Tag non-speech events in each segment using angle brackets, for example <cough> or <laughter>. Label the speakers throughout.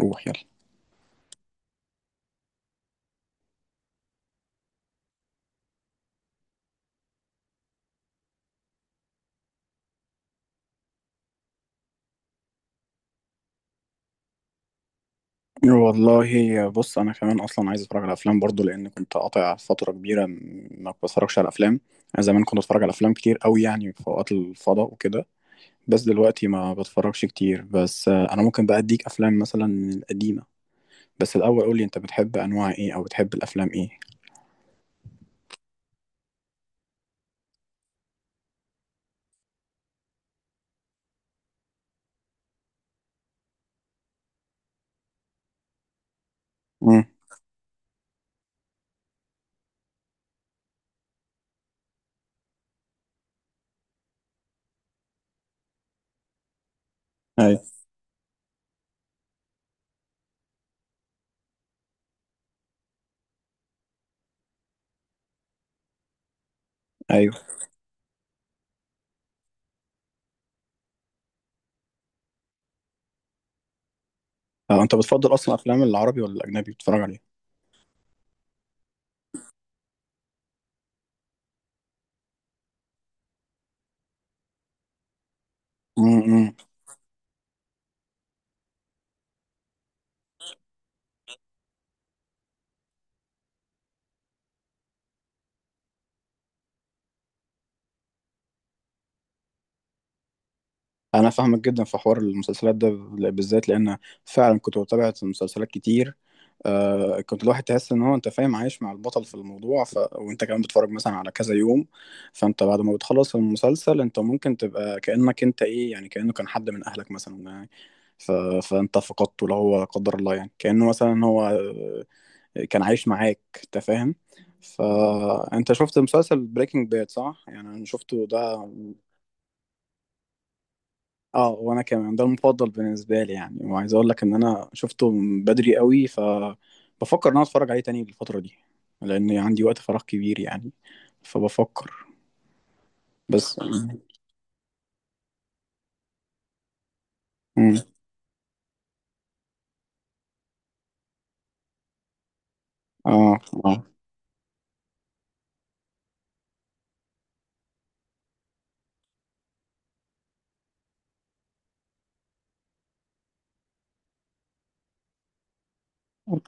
Speaker 1: روح يلا. والله بص، انا كمان اصلا عايز اتفرج على افلام برضو، لان كنت قاطع فتره كبيره ما بتفرجش على افلام. انا زمان كنت اتفرج على افلام كتير قوي، يعني في اوقات الفضاء وكده. بس دلوقتي ما بتفرجش كتير. بس انا ممكن بقى اديك افلام مثلا من القديمه. بس الاول قول لي، انت بتحب انواع ايه او بتحب الافلام ايه؟ امم. ايوه، ايوه. انت بتفضل اصلا افلام العربي ولا الاجنبي بتتفرج عليه؟ انا فاهمك جدا في حوار المسلسلات ده، بالذات لان فعلا كنت بتابع مسلسلات كتير. كنت الواحد تحس ان هو انت فاهم عايش مع البطل في الموضوع، وانت كمان بتتفرج مثلا على كذا يوم. فانت بعد ما بتخلص المسلسل، انت ممكن تبقى كأنك انت ايه، يعني كأنه كان حد من اهلك مثلا يعني. ف... فانت فقدته، لو هو لا قدر الله، يعني كأنه مثلا هو كان عايش معاك، انت فاهم. فانت شفت مسلسل بريكنج باد، صح؟ يعني انا شفته ده. اه، وانا كمان ده المفضل بالنسبه لي يعني، وعايز اقول لك ان انا شفته من بدري قوي، بفكر ان انا اتفرج عليه تاني الفتره دي، لان عندي وقت فراغ كبير يعني. فبفكر. بس يعني، مم. اه، اه.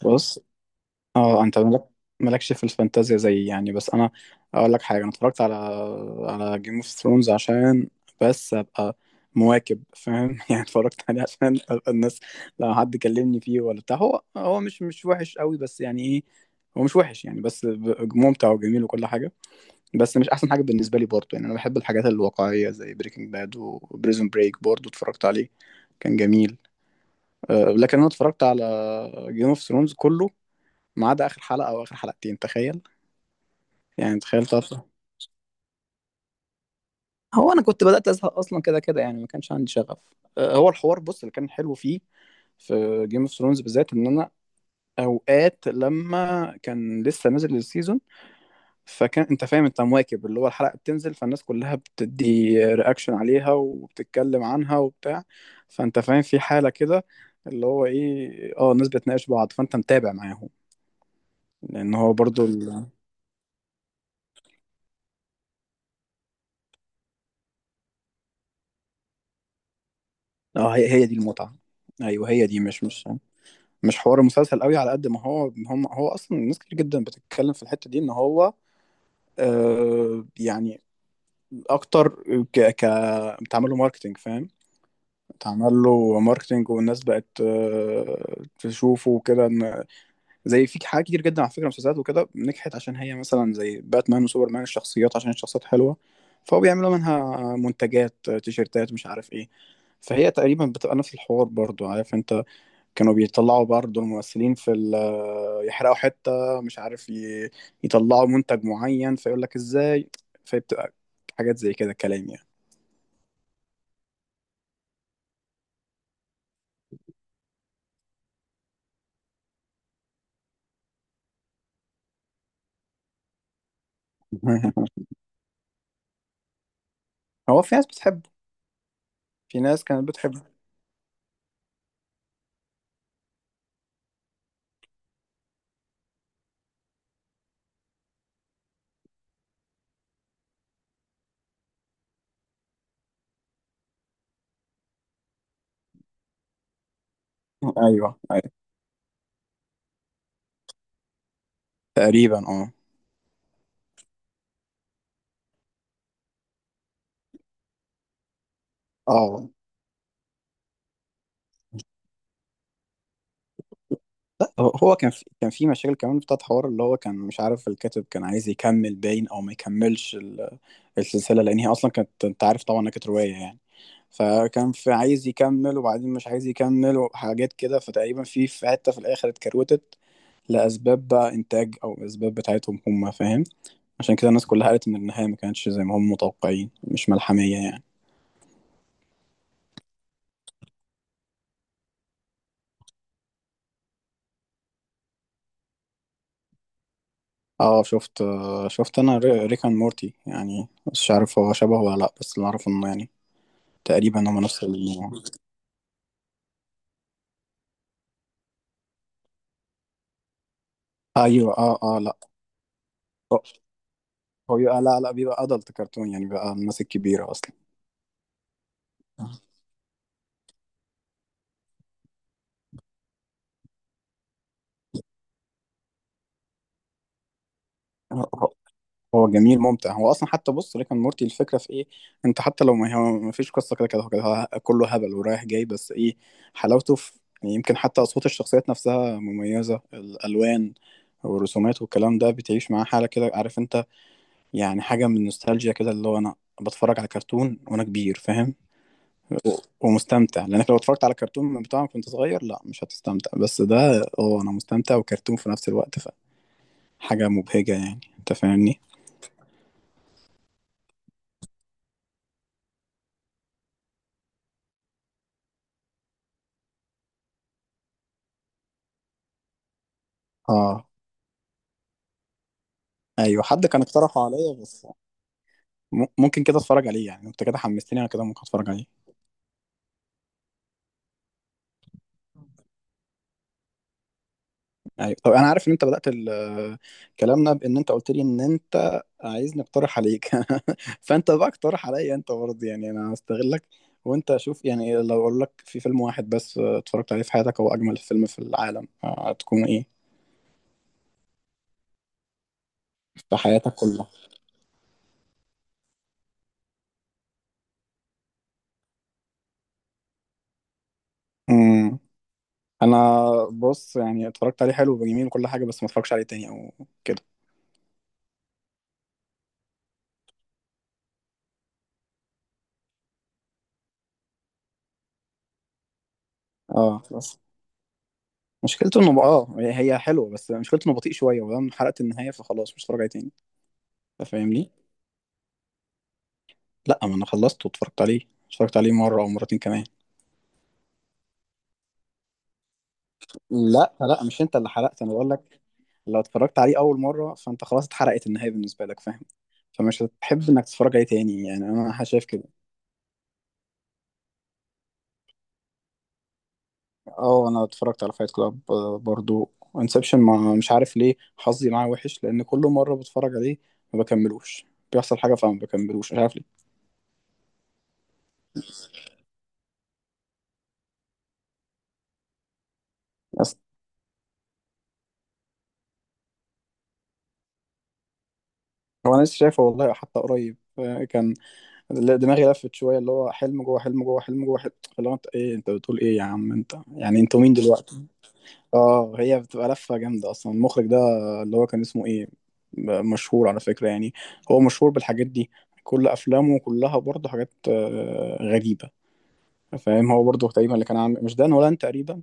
Speaker 1: بص. اه، انت ملك، مالكش في الفانتازيا زي يعني، بس انا اقول لك حاجه، انا اتفرجت على جيم اوف ثرونز عشان بس ابقى مواكب، فاهم؟ <laughs> يعني اتفرجت عليه عشان ابقى الناس، لو حد كلمني فيه ولا بتاع، هو مش وحش قوي، بس يعني ايه، هو مش وحش يعني، بس ممتع وجميل وكل حاجه. بس مش احسن حاجه بالنسبه لي برضه، يعني انا بحب الحاجات الواقعيه زي بريكنج باد. وبريزون بريك برضه اتفرجت عليه، كان جميل. لكن انا اتفرجت على جيم اوف ثرونز كله، ما عدا اخر حلقه او اخر حلقتين، تخيل. يعني تخيل طفره. هو انا كنت بدات ازهق اصلا كده كده، يعني ما كانش عندي شغف. هو الحوار، بص، اللي كان حلو فيه في جيم اوف ثرونز بالذات، ان انا اوقات لما كان لسه نازل السيزون، فكان انت فاهم، انت مواكب، اللي هو الحلقه بتنزل فالناس كلها بتدي رياكشن عليها وبتتكلم عنها وبتاع. فانت فاهم في حاله كده، اللي هو ايه، اه الناس بتناقش بعض فانت متابع معاهم، لان هو برضو اه، هي دي المتعه. ايوه، هي دي مش حوار المسلسل قوي، على قد ما هو هو اصلا، ناس كتير جدا بتتكلم في الحته دي ان هو، يعني اكتر. ك ك بتعمل له ماركتنج، فاهم؟ بتعمل له ماركتنج، والناس بقت تشوفه وكده، ان زي في حاجات كتير جدا على فكره، مسلسلات وكده نجحت عشان هي مثلا زي باتمان وسوبرمان، الشخصيات، عشان الشخصيات حلوه، فهو بيعملوا منها منتجات، تيشيرتات، مش عارف ايه. فهي تقريبا بتبقى نفس الحوار برضو، عارف انت، كانوا بيطلعوا برضه الممثلين في يحرقوا حتة، مش عارف يطلعوا منتج معين فيقول لك ازاي. فبتبقى حاجات زي كده كلام يعني. <laughs> هو في ناس بتحبه، في ناس كانت بتحبه. <laughs> ايوه، ايوه، تقريبا اه. اه، لا هو كان في مشاكل كمان بتاعت حوار، اللي هو كان مش عارف الكاتب كان عايز يكمل باين او ما يكملش السلسله، لان هي اصلا كانت، انت عارف طبعا انها كانت روايه يعني، فكان في عايز يكمل وبعدين مش عايز يكمل وحاجات كده، فتقريبا في حته في الاخر اتكروتت لاسباب بقى انتاج او اسباب بتاعتهم هم، فاهم؟ عشان كده الناس كلها قالت ان النهايه ما كانتش زي ما هم متوقعين، مش ملحميه يعني. اه شفت. شفت انا ريكان مورتي، يعني مش عارف هو شبهه ولا لا، بس اللي اعرفه انه يعني تقريبا هما نفس أيوه، آه، آه، لأ. هو هو بيبقى، لأ، لأ، بيبقى أدلت كرتون يعني، بيبقى الناس الكبيرة أصلًا. هو هو هو جميل ممتع. هو أصلًا حتى بُص، ريك أند مورتي الفكرة في إيه؟ أنت حتى لو ما هو ما فيش قصة كده كده، هو كده كله هبل ورايح جاي، بس إيه، حلاوته في، يعني، يمكن حتى أصوات الشخصيات نفسها مميزة، الألوان والرسومات والكلام ده، بتعيش معاه حالة كده، عارف أنت، يعني حاجة من النوستالجيا كده، اللي هو أنا باتفرج على كرتون وأنا كبير، فاهم؟ و- ومستمتع، لانك لو اتفرجت على كرتون بتاعك كنت صغير، لا مش هتستمتع، بس ده اه انا مستمتع وكرتون في نفس الوقت، فحاجة مبهجة، يعني انت فاهمني. اه. ايوه، حد كان اقترحه عليا، بس ممكن كده اتفرج عليه، يعني انت كده حمستني، انا كده ممكن اتفرج عليه. ايوه، طب انا عارف ان انت بدأت كلامنا بان انت قلت لي ان انت عايزني اقترح عليك. <laughs> فانت بقى اقترح عليا انت برضه، يعني انا هستغلك، وانت اشوف. يعني لو اقول لك في فيلم واحد بس اتفرجت عليه في حياتك هو اجمل فيلم في العالم، هتكون ايه؟ في حياتك كلها. امم انا، بص، يعني اتفرجت عليه حلو وجميل وكل حاجه، بس ما اتفرجش عليه تاني او كده. اه، بس مشكلته انه بقى، هي حلوه، بس مشكلته انه بطيء شويه، ولما حرقت النهايه فخلاص مش هتفرج عليه تاني. أنت فاهمني، لا ما انا خلصت واتفرجت عليه. اتفرجت عليه مره او مرتين كمان. لا، لا، مش انت اللي حرقت، انا بقول لك، لو اتفرجت عليه اول مره فانت خلاص اتحرقت النهايه بالنسبه لك، فاهم؟ فمش هتحب انك تتفرج عليه تاني، يعني انا شايف كده. اه، انا اتفرجت على فايت كلاب برضو. انسبشن ما مش عارف ليه حظي معاه وحش، لان كل مره بتفرج عليه ما بكملوش، بيحصل حاجه فما بكملوش، مش عارف ليه. بس هو انا لسه شايفه والله، حتى قريب كان دماغي لفت شويه، اللي هو حلم جوه حلم جوه حلم جوه حلم، اللي هو انت ايه؟ انت بتقول ايه يا عم انت؟ يعني انتوا مين دلوقتي؟ اه، هي بتبقى لفه جامده اصلا، المخرج ده اللي هو كان اسمه ايه، مشهور على فكره يعني، هو مشهور بالحاجات دي، كل افلامه كلها برضه حاجات غريبه، فاهم؟ هو برضه تقريبا اللي كان عامل، مش دان هولاند تقريبا،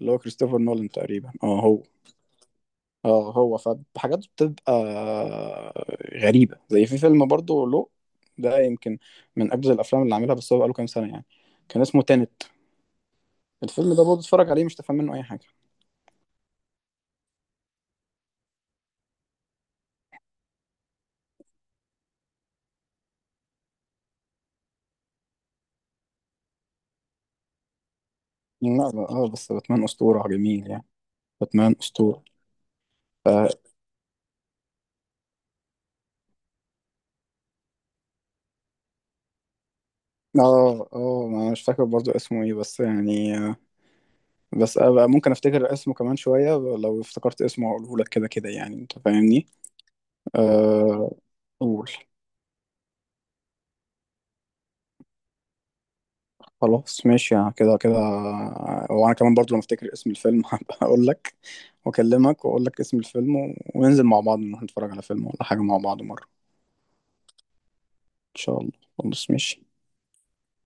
Speaker 1: اللي هو كريستوفر نولان تقريبا، اه هو، اه هو. فحاجات بتبقى غريبة، زي في فيلم برضه له، ده يمكن من أجدد الأفلام اللي عاملها، بس هو بقاله كام سنة يعني، كان اسمه تينت. الفيلم ده برضه اتفرج عليه مش تفهم منه أي حاجة. لا، لا، اه، بس باتمان أسطورة، جميل يعني، باتمان أسطورة. ف... اه، اه، ما أنا مش فاكر برضه اسمه ايه، بس يعني بس أبقى ممكن افتكر اسمه كمان شوية، لو افتكرت اسمه هقوله لك، كده كده يعني، انت فاهمني. آه، قول. خلاص ماشي، يعني كده كده. وانا كمان برضو لما افتكر اسم الفيلم <laughs> هبقى اقول لك واكلمك واقول لك اسم الفيلم، وننزل مع بعض نروح نتفرج على فيلم ولا حاجة مع بعض مرة. ان شاء الله. خلاص ماشي.